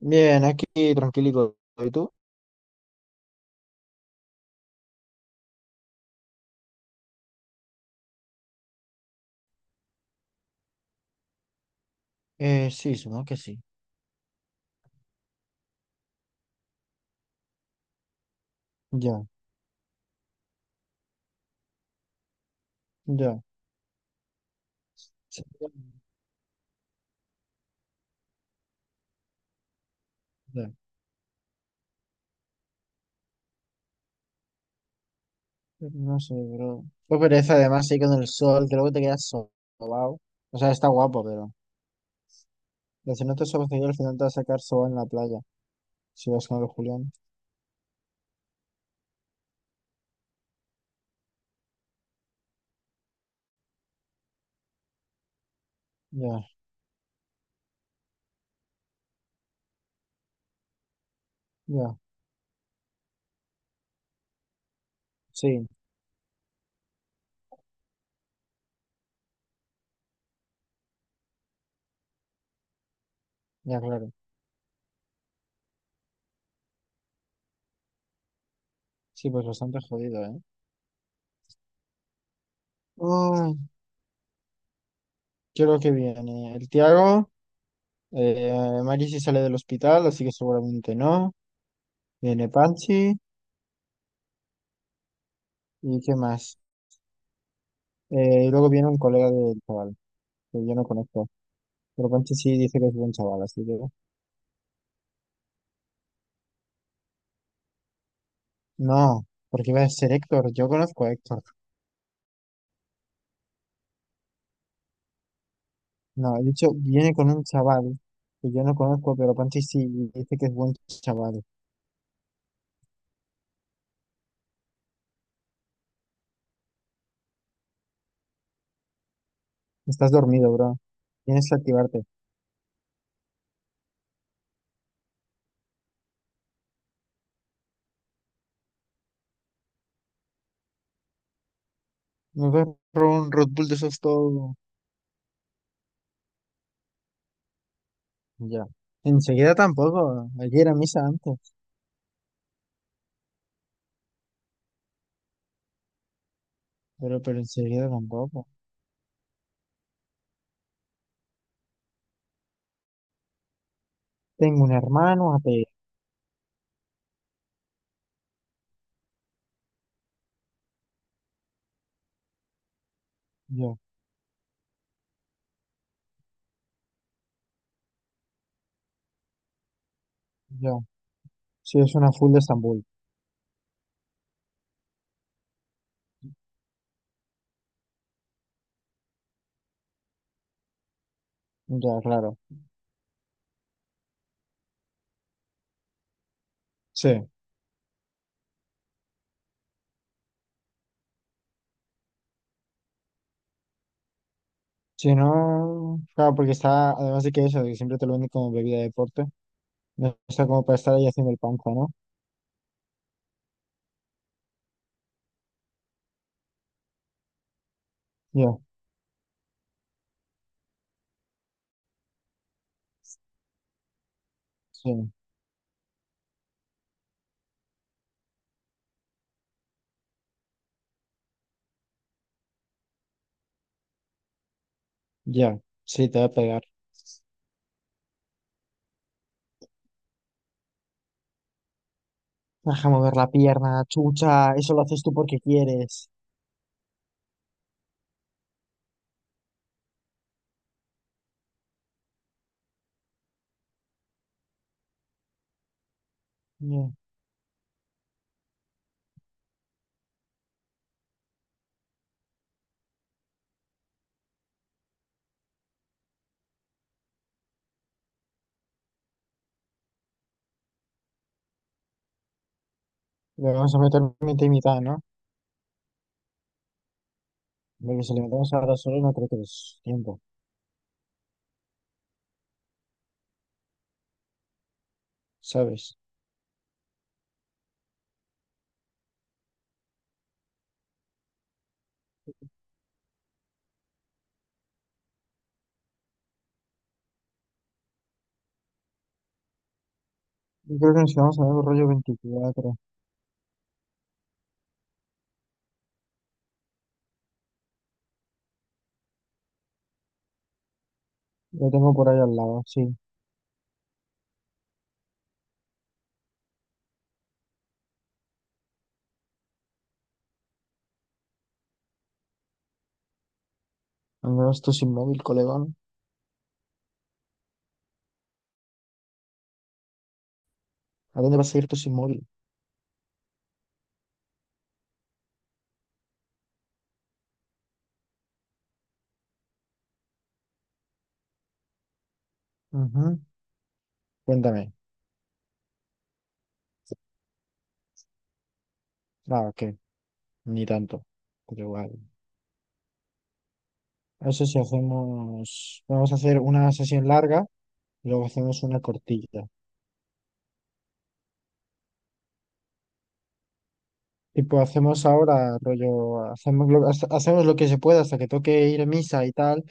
Bien, aquí tranquilito. ¿Y tú? Sí, supongo que sí. Ya, ya. Sí, ya, ya. No sé, bro. Qué pereza, además, sí, con el sol, creo que te quedas sobao. O sea, está guapo, pero si no te sobas al final te vas a sacar sobao en la playa. Si vas con el Julián. Ya, ya. Sí, ya, claro. Sí, pues bastante jodido, ¿eh? Uy, creo que viene el Tiago. Eh, Mari sí sale del hospital, así que seguramente no. Viene Panchi. ¿Y qué más? Y luego viene un colega del chaval, que yo no conozco. Pero Pancho sí dice que es buen chaval, así que... No, porque iba a ser Héctor, yo conozco a Héctor. No, he dicho, viene con un chaval que yo no conozco, pero Pancho sí y dice que es buen chaval. Estás dormido, bro. Tienes que activarte. Me voy a probar un Red Bull de esos todo... Ya. Enseguida tampoco. Ayer a misa antes. Pero enseguida tampoco. Tengo un hermano, a pedir. Yo, yo. Sí, es una full de Estambul. Ya, claro. Sí. Si no, claro, porque está, además de que eso, de que siempre te lo venden como bebida de deporte, no está como para estar ahí haciendo el panza, ¿no? Ya, sí, ya, sí, te va a pegar. Deja mover la pierna, chucha, eso lo haces tú porque quieres. Ya. Le vamos a meter mitad y mitad, ¿no? Porque si le metemos ahora solo no creo que es tiempo, ¿sabes? Yo creo que nos quedamos en el rollo 24. Lo tengo por ahí al lado, sí. Al menos tú sin móvil, colegón. ¿A dónde vas a ir tú sin móvil? Ujú. Cuéntame. Ah, ok. Ni tanto, pero igual. No sé si hacemos, vamos a hacer una sesión larga, y luego hacemos una cortilla. Tipo, hacemos ahora, rollo, hacemos lo que se pueda hasta que toque ir a misa y tal,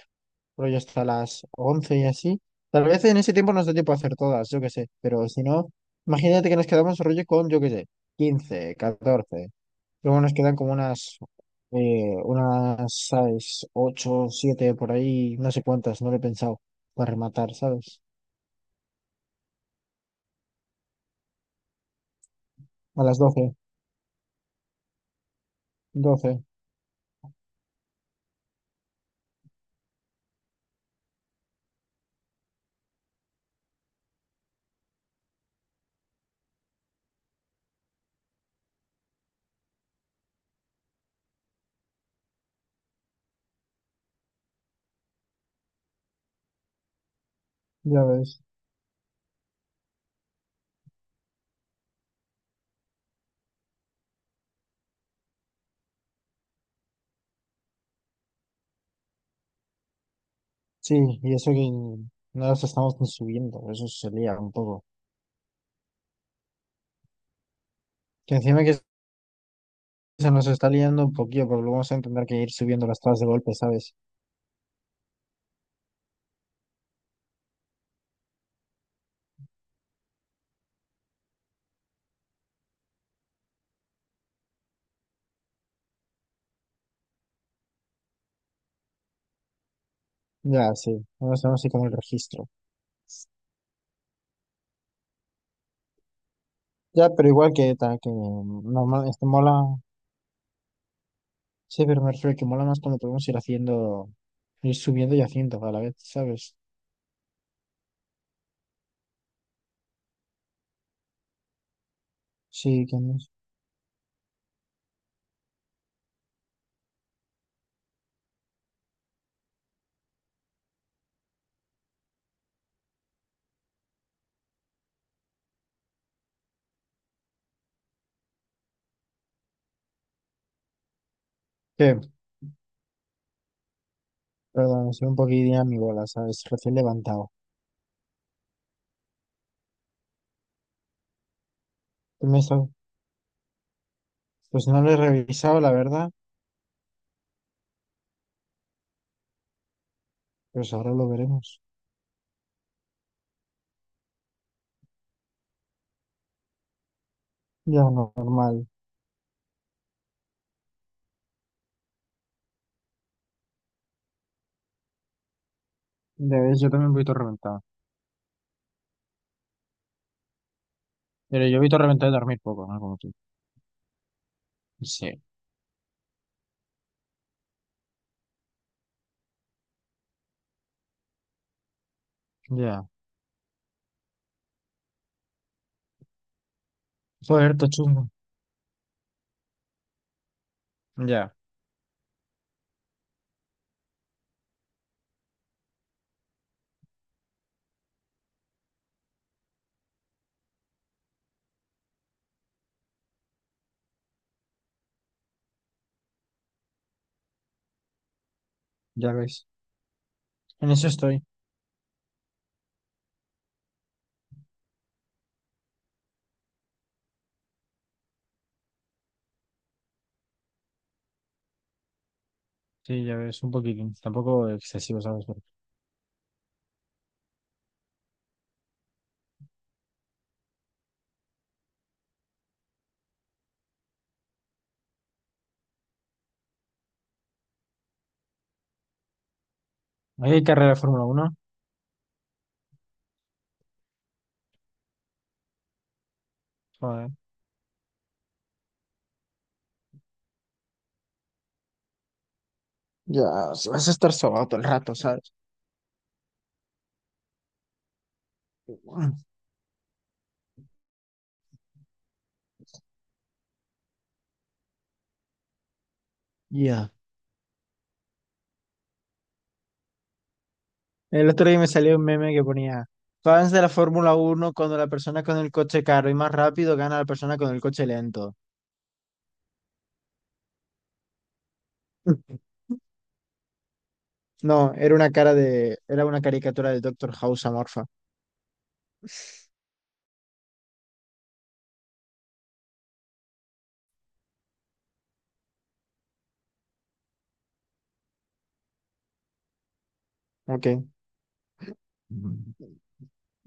rollo hasta las 11 y así. Tal vez en ese tiempo nos dé tiempo a hacer todas, yo qué sé, pero si no, imagínate que nos quedamos rollo con, yo qué sé, 15, 14. Luego nos quedan como unas, ¿sabes? 8, 7 por ahí, no sé cuántas, no lo he pensado, para rematar, ¿sabes? A las doce. Ya ves. Sí, y eso que no nos estamos ni subiendo, eso se lía un poco. Que encima que se nos está liando un poquillo, porque luego vamos a tener que ir subiendo las tablas de golpe, ¿sabes? Ya, sí, no a así como el registro. Ya, pero igual que, que normal, este mola, sí, pero me refiero que mola más cuando podemos ir haciendo, ir subiendo y haciendo a la vez, ¿sabes? Sí, que no. qué Perdón, soy un poquillo mi bola, ¿sabes? Recién levantado. ¿Qué? Pues no lo he revisado, la verdad. Pues ahora lo veremos. Ya, normal. Ya ves, yo también voy todo reventado. Pero yo voy todo reventado de dormir poco, ¿no? Como tú. Sí. Ya. Joder, todo chungo. Ya, ya ves. En eso estoy. Sí, ya ves, un poquitín. Tampoco excesivo, ¿sabes? Pero- ¿Hay carrera de Fórmula 1? Joder. Ya, si vas a estar sobado todo el rato, ¿sabes? Ya. El otro día me salió un meme que ponía, fans de la Fórmula 1 cuando la persona con el coche caro y más rápido gana a la persona con el coche lento. No, era una caricatura del Doctor House amorfa. Ok. Ujú.